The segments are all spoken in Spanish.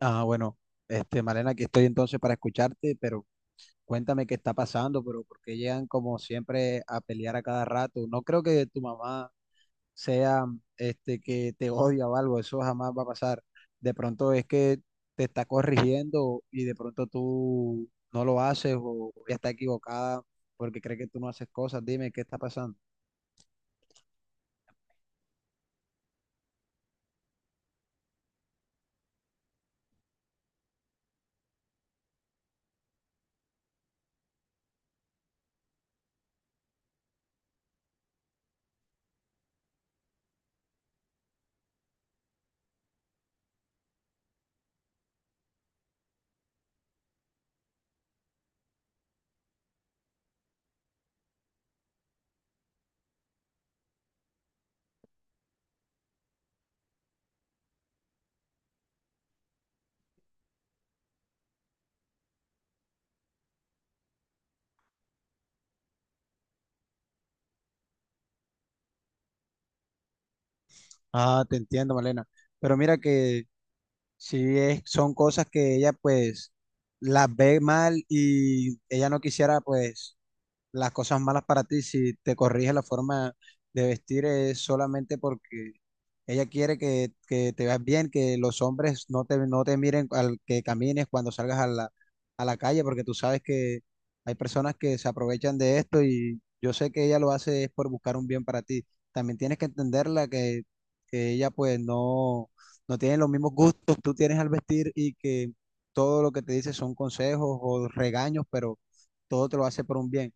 Ah, bueno, Malena, aquí estoy entonces para escucharte, pero cuéntame qué está pasando, pero por qué llegan como siempre a pelear a cada rato. No creo que tu mamá sea, que te odia o algo, eso jamás va a pasar. De pronto es que te está corrigiendo y de pronto tú no lo haces o ella está equivocada porque cree que tú no haces cosas. Dime qué está pasando. Ah, te entiendo, Malena. Pero mira que sí, son cosas que ella pues las ve mal y ella no quisiera pues las cosas malas para ti. Si te corrige la forma de vestir es solamente porque ella quiere que te veas bien, que los hombres no te, no te miren al que camines cuando salgas a la calle, porque tú sabes que hay personas que se aprovechan de esto y yo sé que ella lo hace es por buscar un bien para ti. También tienes que entenderla, que ella pues no, no tiene los mismos gustos que tú tienes al vestir y que todo lo que te dice son consejos o regaños, pero todo te lo hace por un bien.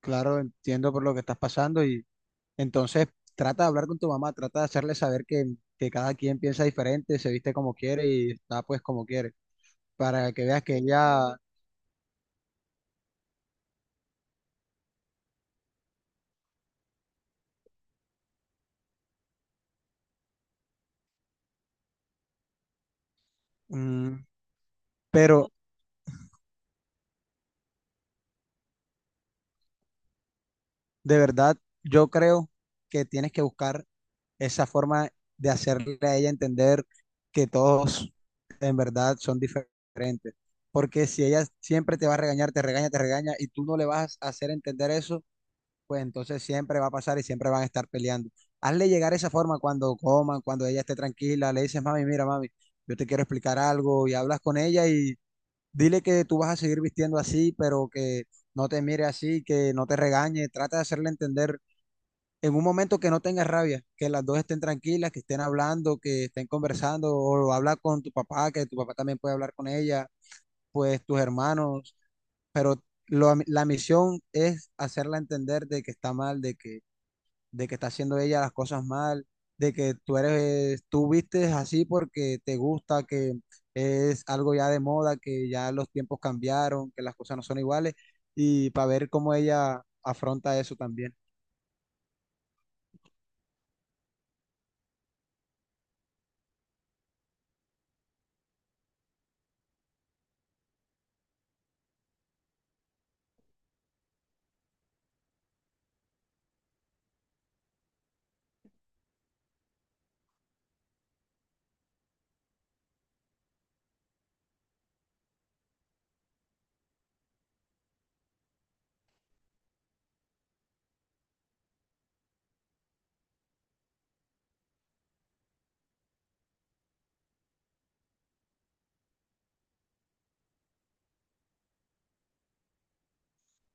Claro, entiendo por lo que estás pasando, y entonces trata de hablar con tu mamá, trata de hacerle saber que cada quien piensa diferente, se viste como quiere y está pues como quiere, para que veas que ella... mm, pero de verdad, yo creo que tienes que buscar esa forma de hacerle a ella entender que todos en verdad son diferentes, porque si ella siempre te va a regañar, te regaña y tú no le vas a hacer entender eso, pues entonces siempre va a pasar y siempre van a estar peleando. Hazle llegar esa forma cuando coman, cuando ella esté tranquila, le dices, mami, mira, mami, yo te quiero explicar algo, y hablas con ella y dile que tú vas a seguir vistiendo así, pero que no te mire así, que no te regañe. Trata de hacerle entender en un momento que no tengas rabia, que las dos estén tranquilas, que estén hablando, que estén conversando, o habla con tu papá, que tu papá también puede hablar con ella, pues tus hermanos, pero la misión es hacerla entender de que está mal, de que está haciendo ella las cosas mal, de que tú eres, tú vistes así porque te gusta, que es algo ya de moda, que ya los tiempos cambiaron, que las cosas no son iguales, y para ver cómo ella afronta eso también.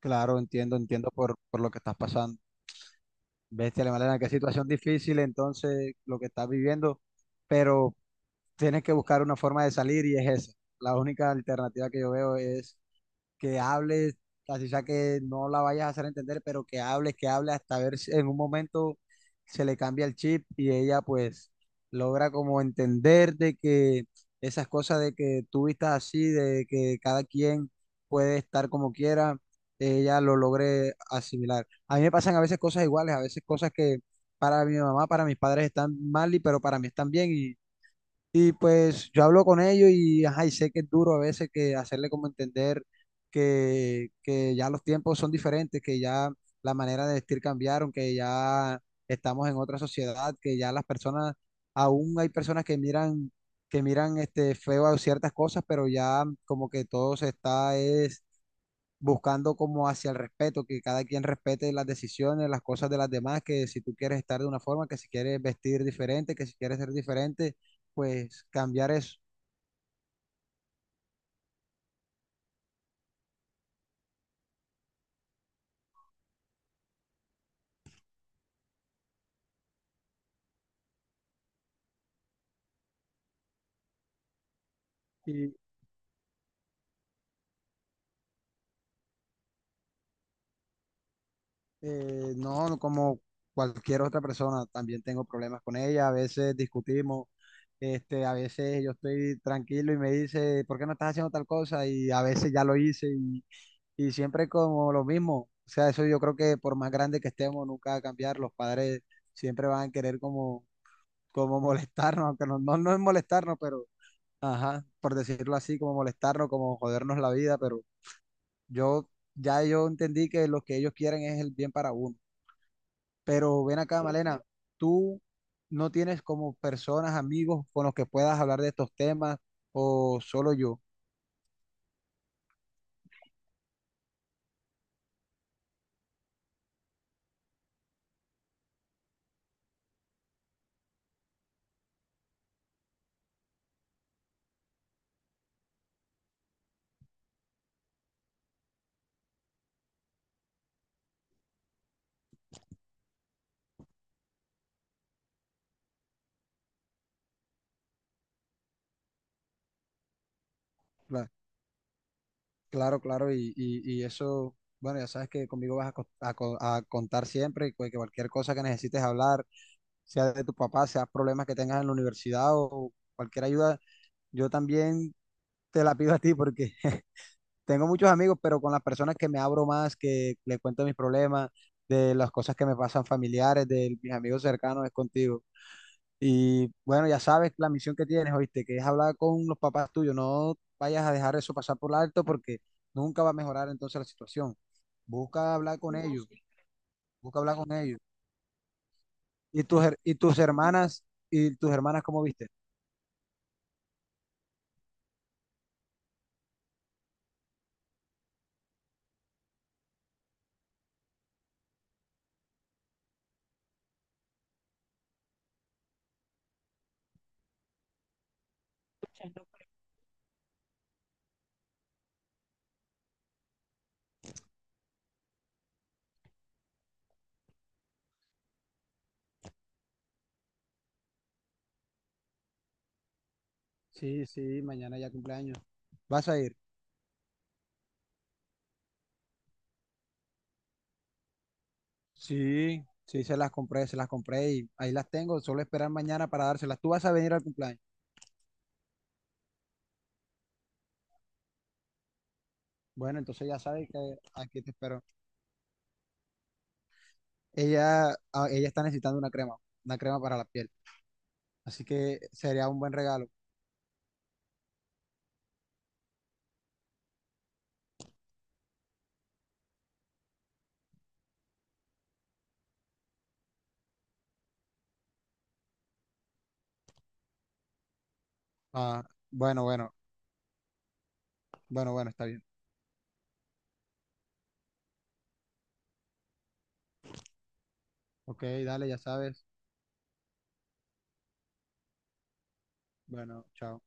Claro, entiendo, entiendo por lo que estás pasando. Bestia, Malena, qué situación difícil entonces lo que estás viviendo, pero tienes que buscar una forma de salir y es esa. La única alternativa que yo veo es que hables, así sea que no la vayas a hacer entender, pero que hables hasta ver si en un momento se le cambia el chip y ella pues logra como entender de que esas cosas, de que tú vistas así, de que cada quien puede estar como quiera, ella lo logre asimilar. A mí me pasan a veces cosas iguales, a veces cosas que para mi mamá, para mis padres están mal, y pero para mí están bien y pues yo hablo con ellos y, ajá, y sé que es duro a veces que hacerle como entender que ya los tiempos son diferentes, que ya la manera de vestir cambiaron, que ya estamos en otra sociedad, que ya las personas, aún hay personas que miran este feo a ciertas cosas, pero ya como que todo se está es buscando como hacia el respeto, que cada quien respete las decisiones, las cosas de las demás, que si tú quieres estar de una forma, que si quieres vestir diferente, que si quieres ser diferente, pues cambiar eso. Y no, como cualquier otra persona, también tengo problemas con ella, a veces discutimos. A veces yo estoy tranquilo y me dice, ¿por qué no estás haciendo tal cosa? Y a veces ya lo hice, y siempre como lo mismo. O sea, eso yo creo que por más grande que estemos, nunca va a cambiar. Los padres siempre van a querer como como molestarnos, aunque no, no, no es molestarnos, pero ajá, por decirlo así, como molestarnos, como jodernos la vida, pero yo ya yo entendí que lo que ellos quieren es el bien para uno. Pero ven acá, Malena, tú no tienes como personas, amigos con los que puedas hablar de estos temas o solo yo. Cla- Claro, claro, y, y eso, bueno, ya sabes que conmigo vas a, a a contar siempre, y que cualquier cosa que necesites hablar, sea de tu papá, sea problemas que tengas en la universidad o cualquier ayuda. Yo también te la pido a ti porque tengo muchos amigos, pero con las personas que me abro más, que les cuento mis problemas, de las cosas que me pasan familiares, de mis amigos cercanos, es contigo. Y bueno, ya sabes la misión que tienes, oíste, que es hablar con los papás tuyos. No vayas a dejar eso pasar por alto porque nunca va a mejorar entonces la situación. Busca hablar con ellos, busca hablar con ellos. ¿Y tus, y tus hermanas, cómo viste? Sí, sí, mañana ya cumpleaños. ¿Vas a ir? Sí, sí, se las compré y ahí las tengo. Solo esperar mañana para dárselas. Tú vas a venir al cumpleaños. Bueno, entonces ya sabes que aquí te espero. Ella, ella está necesitando una crema para la piel. Así que sería un buen regalo. Ah, bueno, bueno, bueno, bueno, está bien. Ok, dale, ya sabes. Bueno, chao.